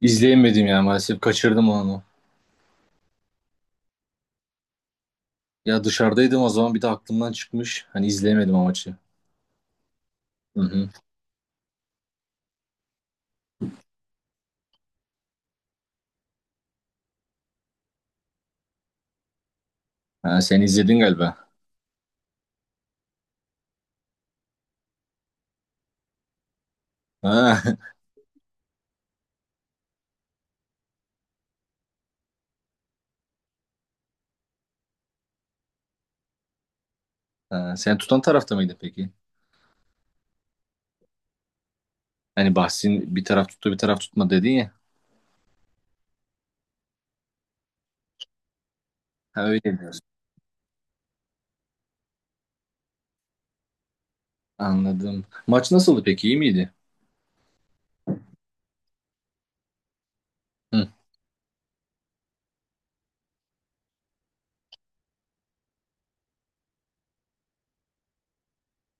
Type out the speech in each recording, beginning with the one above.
İzleyemedim ya maalesef. Kaçırdım onu. Ya dışarıdaydım o zaman bir de aklımdan çıkmış. Hani izleyemedim o maçı. Hı hı. Ha, sen izledin galiba. Ha. Ha, sen tutan tarafta mıydı peki? Hani bahsin bir taraf tuttu bir taraf tutma dedin ya. Ha, öyle diyorsun. Anladım. Maç nasıldı peki? İyi miydi? Hı.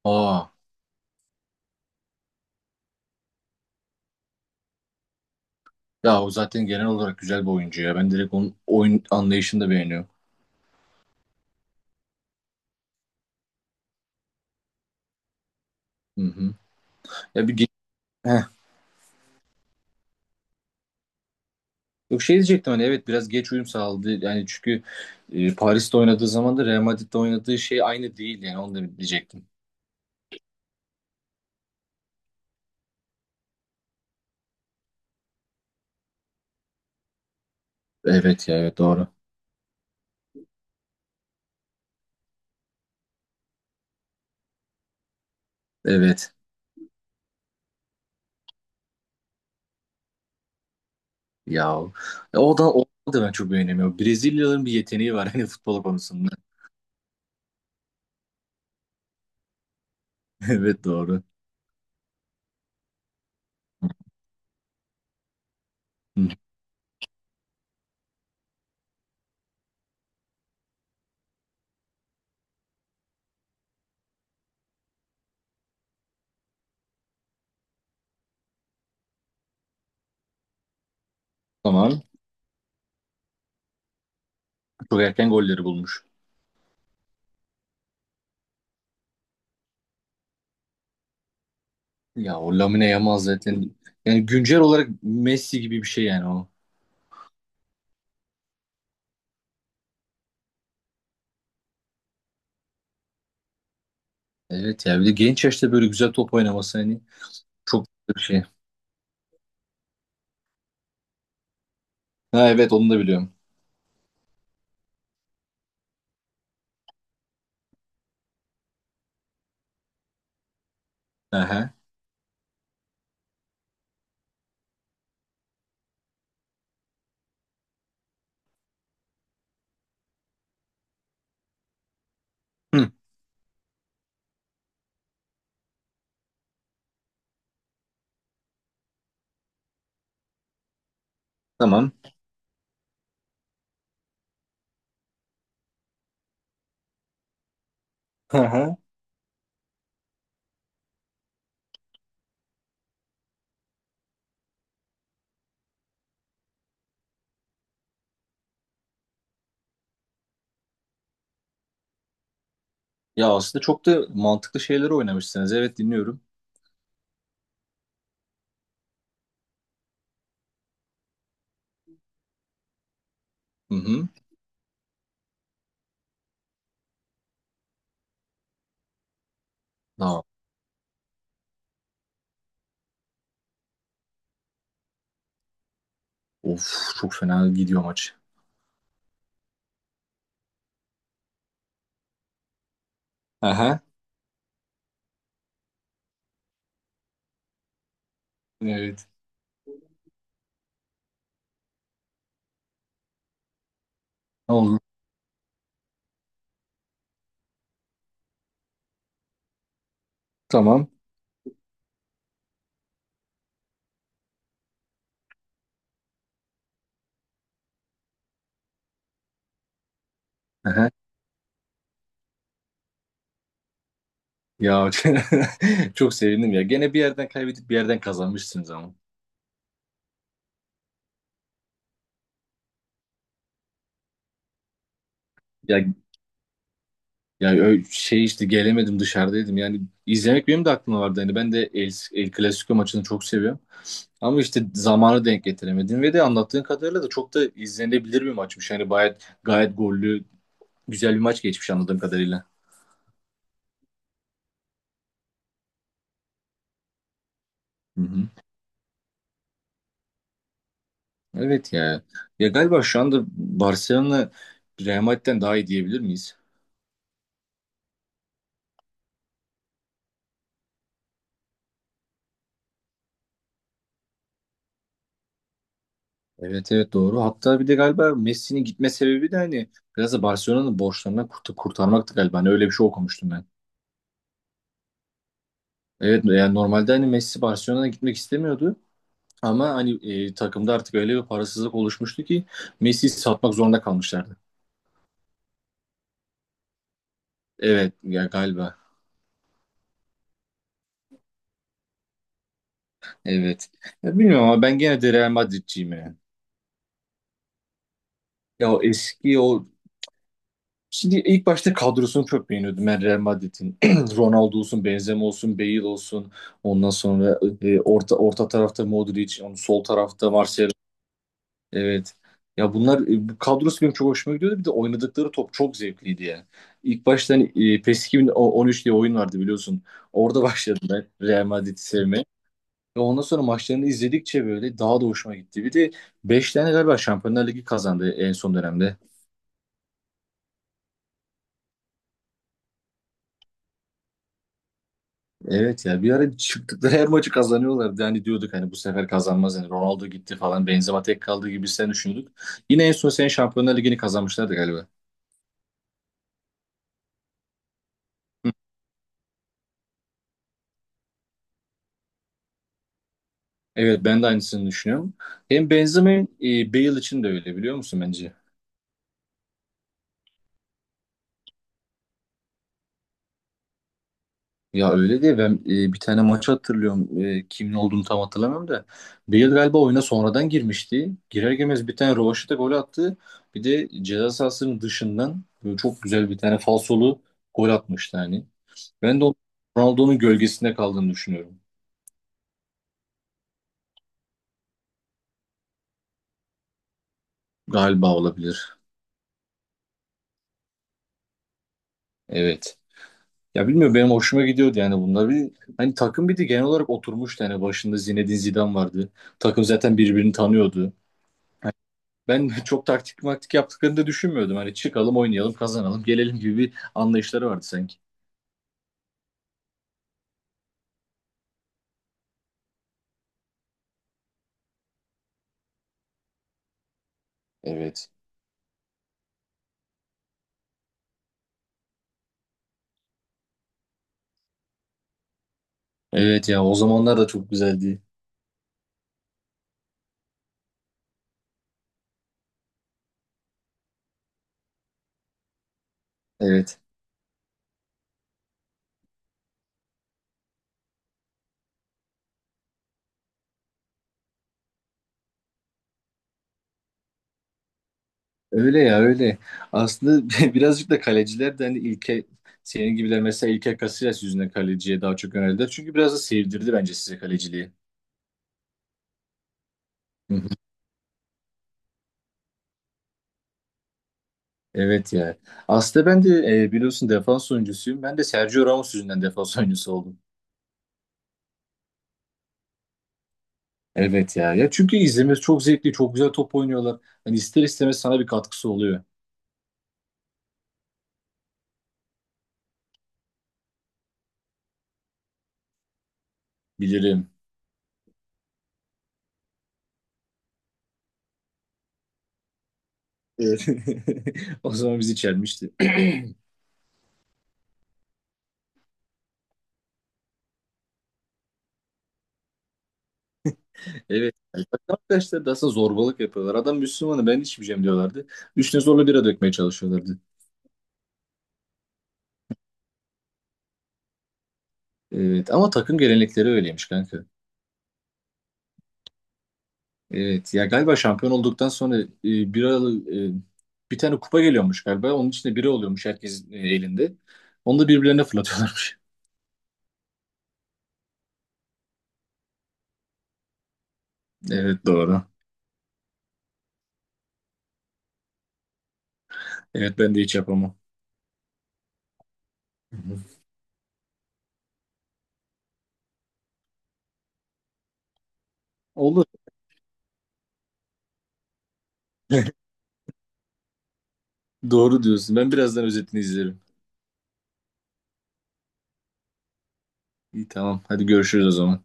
Aa. Ya o zaten genel olarak güzel bir oyuncu ya. Ben direkt onun oyun anlayışını da beğeniyorum. Hı hı. Ya bir ge- Yok, şey diyecektim hani. Evet, biraz geç uyum sağladı. Yani çünkü Paris'te oynadığı zaman da Real Madrid'de oynadığı şey aynı değil yani, onu da diyecektim. Evet ya, evet doğru. Evet. Ya o da ben çok beğenemiyorum. Brezilyalıların bir yeteneği var hani futbol konusunda. Evet doğru. Hı. Tamam. Çok erken golleri bulmuş. Ya o Lamine Yamal zaten, yani güncel olarak Messi gibi bir şey yani o. Evet ya, bir de genç yaşta böyle güzel top oynaması hani çok güzel bir şey. Ha evet, onu da biliyorum. Aha. Hı, tamam. Hı hı. Ya aslında çok da mantıklı şeyleri oynamışsınız. Evet, dinliyorum. Hı hı. Aa, of çok fena gidiyor maç. Aha. Evet. Oldu. Tamam. Aha. Ya, çok sevindim ya. Gene bir yerden kaybedip bir yerden kazanmışsınız ama. Ya ya şey işte, gelemedim, dışarıdaydım. Yani izlemek benim de aklımda vardı. Yani ben de El Clasico maçını çok seviyorum. Ama işte zamanı denk getiremedim ve de anlattığın kadarıyla da çok da izlenebilir bir maçmış. Yani gayet gayet gollü, güzel bir maç geçmiş anladığım kadarıyla. Hı hı. Evet ya. Ya galiba şu anda Barcelona Real Madrid'den daha iyi diyebilir miyiz? Evet evet doğru. Hatta bir de galiba Messi'nin gitme sebebi de hani biraz da Barcelona'nın borçlarından kurtarmaktı galiba. Hani öyle bir şey okumuştum ben. Evet, yani normalde hani Messi Barcelona'ya gitmek istemiyordu. Ama hani takımda artık öyle bir parasızlık oluşmuştu ki Messi'yi satmak zorunda kalmışlardı. Evet ya galiba. Evet. Ya bilmiyorum ama ben gene de Real Madrid'ciyim yani. Ya o eski o Şimdi ilk başta kadrosunu çok beğeniyordum ben Real Madrid'in. Ronaldo olsun, Benzema olsun, Bale olsun. Ondan sonra orta tarafta Modric, onun sol tarafta Marcelo. Evet. Ya bunlar, bu kadrosu benim çok hoşuma gidiyordu. Bir de oynadıkları top çok zevkliydi ya. İlk başta hani, PES 2013 diye oyun vardı, biliyorsun. Orada başladım ben Real Madrid'i sevmeye. Ve ondan sonra maçlarını izledikçe böyle daha da hoşuma gitti. Bir de 5 tane galiba Şampiyonlar Ligi kazandı en son dönemde. Evet ya, bir ara çıktıkları her maçı kazanıyorlardı. Yani diyorduk hani bu sefer kazanmaz yani, Ronaldo gitti falan, Benzema tek kaldı gibi sen düşünüyorduk. Yine en son sen Şampiyonlar Ligi'ni kazanmışlardı galiba. Hı. Evet, ben de aynısını düşünüyorum. Hem Benzema hem Bale için de öyle, biliyor musun bence? Ya öyle değil, ben bir tane maç hatırlıyorum. Kimin olduğunu tam hatırlamıyorum da. Bale galiba oyuna sonradan girmişti. Girer girmez bir tane rövaşata gol attı. Bir de ceza sahasının dışından böyle çok güzel bir tane falsolu gol atmıştı hani. Ben de o- Ronaldo'nun gölgesinde kaldığını düşünüyorum. Galiba olabilir. Evet. Ya bilmiyorum, benim hoşuma gidiyordu yani bunlar. Bir, hani takım bir de genel olarak oturmuştu. Yani başında Zinedine Zidane vardı. Takım zaten birbirini tanıyordu. Ben çok taktik maktik yaptıklarını da düşünmüyordum. Hani çıkalım, oynayalım, kazanalım, gelelim gibi bir anlayışları vardı sanki. Evet. Evet ya, o zamanlar da çok güzeldi. Evet. Öyle ya, öyle. Aslında birazcık da kaleciler de hani ilke senin gibiler, mesela İlker Casillas yüzünden kaleciye daha çok yöneldiler. Çünkü biraz da sevdirdi bence size kaleciliği. Hı hı. Evet ya. Aslında ben de, biliyorsun, defans oyuncusuyum. Ben de Sergio Ramos yüzünden defans oyuncusu oldum. Evet ya. Ya çünkü izlemesi çok zevkli, çok güzel top oynuyorlar. Hani ister istemez sana bir katkısı oluyor. Bilirim. Evet. O zaman bizi çelmişti. Evet. Yani bak, arkadaşlar da aslında zorbalık yapıyorlar. Adam Müslümanı, ben içmeyeceğim diyorlardı. Üstüne zorla bira dökmeye çalışıyorlardı. Evet, ama takım gelenekleri öyleymiş kanka. Evet ya, galiba şampiyon olduktan sonra biralı bir tane kupa geliyormuş galiba. Onun içinde bira oluyormuş herkesin elinde. Onu da birbirlerine fırlatıyorlarmış. Evet doğru. Evet, ben de hiç yapamam. Hı hı. Olur. Doğru diyorsun. Ben birazdan özetini izlerim. İyi, tamam. Hadi görüşürüz o zaman.